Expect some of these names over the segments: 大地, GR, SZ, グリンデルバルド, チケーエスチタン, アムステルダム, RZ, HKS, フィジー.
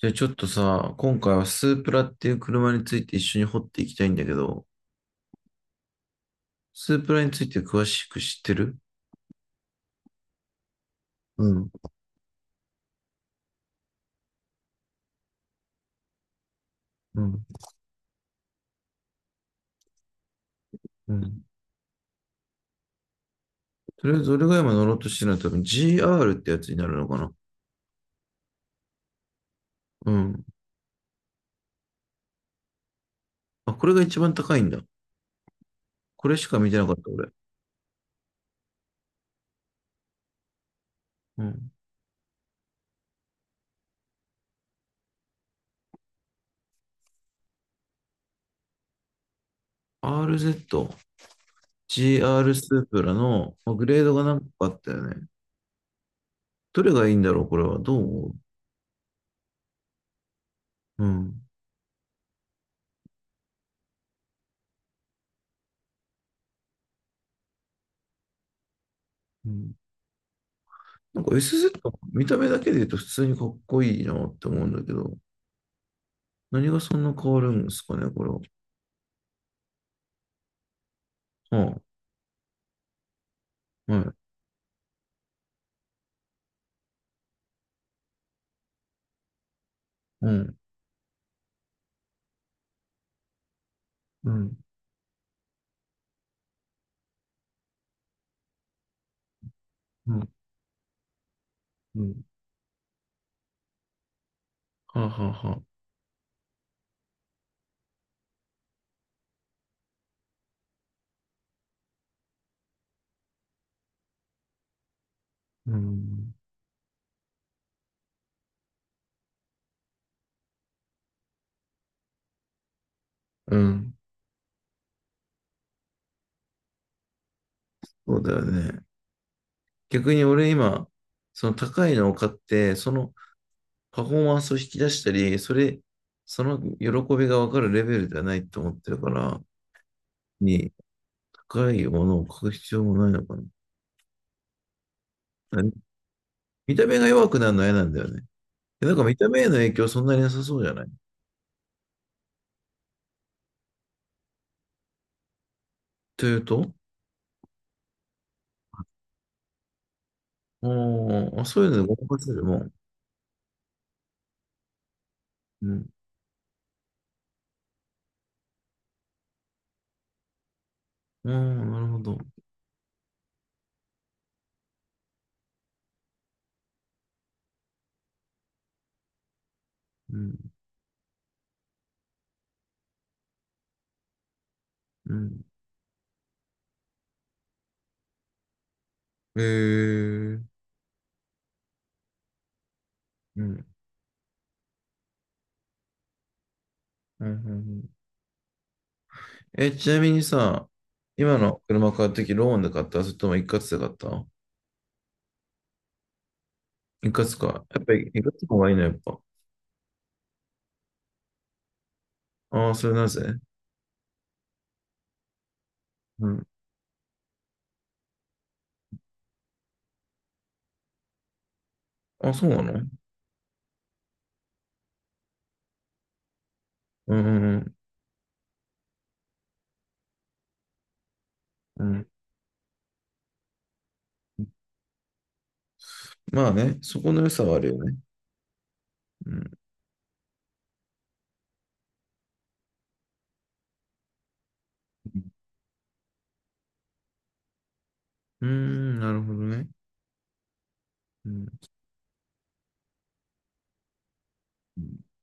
じゃあちょっとさ、今回はスープラっていう車について一緒に掘っていきたいんだけど、スープラについて詳しく知ってる？うん、うん、うん。とりあえず俺が今乗ろうとしてるのは多分 GR ってやつになるのかな？うん。あ、これが一番高いんだ。これしか見てなかった俺。うん。RZ、GR スープラのまあグレードが何個かあったよね。どれがいいんだろう、これは。どう思う？うん。うん、なんか SZ、見た目だけで言うと普通にかっこいいなって思うんだけど、何がそんな変わるんですかね、これは。はあ、はい。うん、うん、うん、うん、はあ、はあ、はあ。うん。うん。そうだよね。逆に俺今、その高いのを買って、そのパフォーマンスを引き出したり、その喜びがわかるレベルではないと思ってるから、に、高いものを買う必要もないのかな。何見た目が弱くなるのは嫌なんだよね。なんか見た目への影響そんなになさそうじゃない？というと、おあ、そういうのでごまかせるもん。うん、ああ、なるほど。うん、うん。えー、うん、うん、うん。うん、え、ちなみにさ、今の車買うとき、ローンで買った？それとも一括で買った？一括か。やっぱり一括の方がいいの、やっぱ。ああ、それなぜ？うん。あ、そうなの？うん、うん、うん。うん、まあね、そこの良さはあるよね。うん。うーん、なるほどね。うん。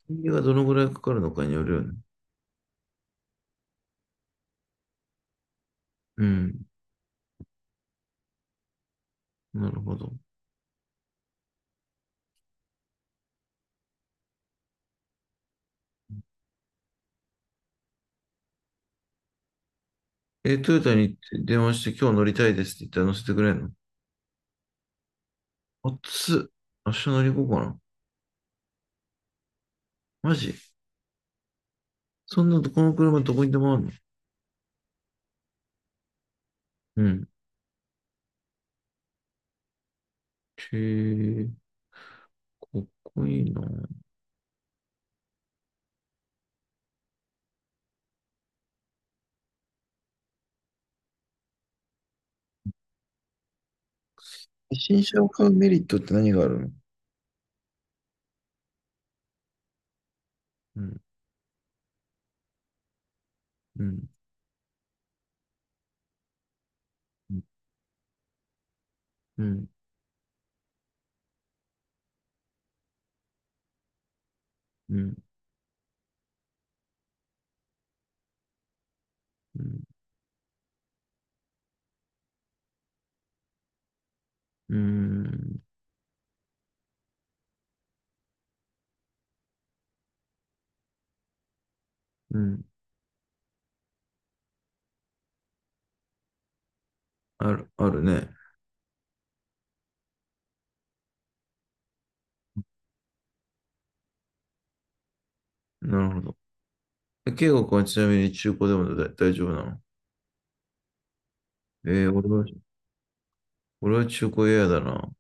金利がどのぐらいかかるのかによるよね。うん。なるほど。え、トヨタに電話して今日乗りたいですって言ったら乗せてくれんの？暑っ。明日乗り行こうかな。マジ？そんなとこの車どこにでもあるの？うん。へえ、かっこいいな。新車を買うメリットって何があるの？うん、うん、うん、うん、うん、うん、うん、ある、あるね。なるほど。え、圭吾君はちなみに中古でも大丈夫なの？えー、俺は中古嫌だな。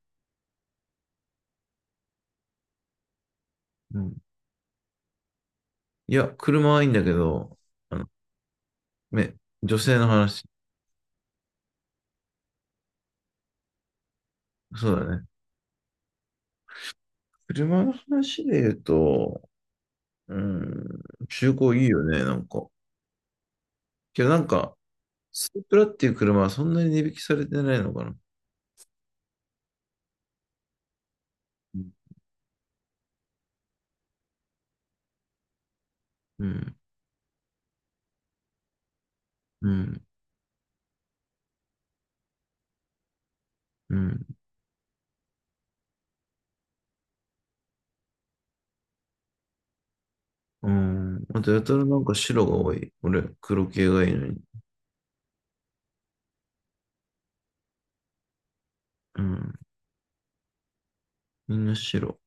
うん。いや、車はいいんだけど、あの、め、女性の話。そうだね。車の話で言うと、うん、中古いいよね、なんか。けどなんか、スープラっていう車はそんなに値引きされてないのかな。うん、うん、うん、うん。うん、あと、やたらなんか白が多い。俺、黒系がいいのに。うん、みんな白。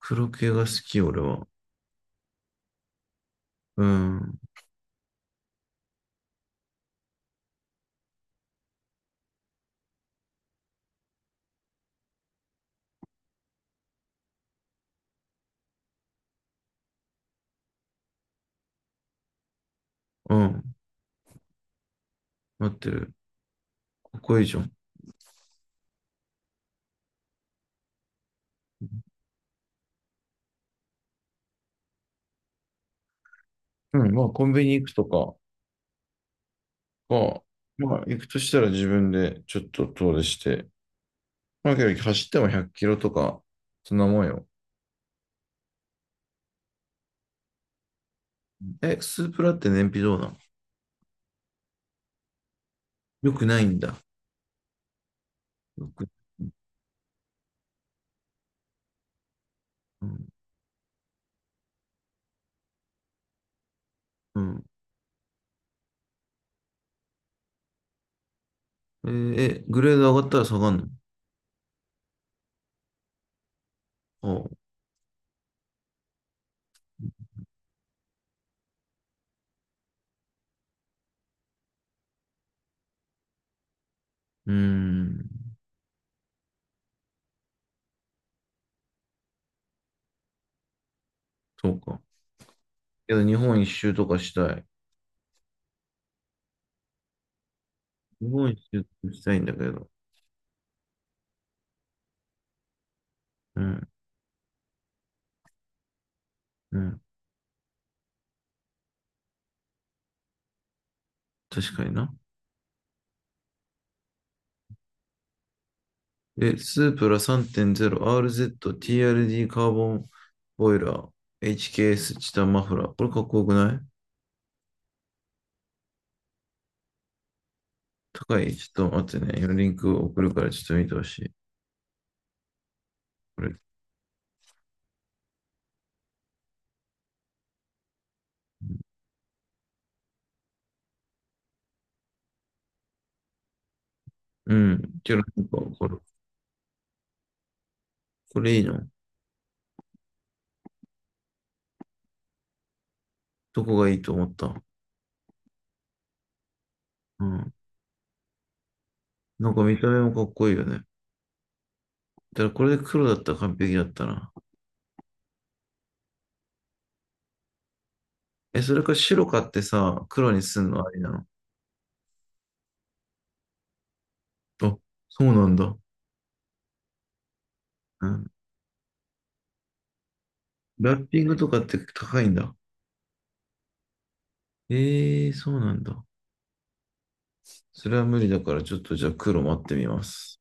黒系が好き、俺は。うん、うん、待ってる。ここいいじゃん。うん、まあ、コンビニ行くとかが、まあ、行くとしたら自分でちょっと遠出して、まあ、けど走っても100キロとか、そんなもんよ。え、スープラって燃費どうなん？よくないんだ。よく、うん、うん。えーえ、グレード上がったら下がんの？ああ、うーん、そうか。けど日本一周とかしたい。日本一周とかしたいんだけど。うん、うん、確かにな。え、スープラ 3.0RZTRD カーボンボイラー HKS チケーエスチタンマフラー。これかっこよくない？高い？ちょっと待ってね。今リンク送るからちょっと見てほしい。これ。うん。ちょっとなんかこれ。これいいの？どこがいいと思った？うん。なんか見た目もかっこいいよね。だからこれで黒だったら完璧だったな。え、それか白買ってさ、黒にすんのありなの？あ、そうなんだ。うん。ラッピングとかって高いんだ。えー、そうなんだ。それは無理だから、ちょっとじゃあ黒待ってみます。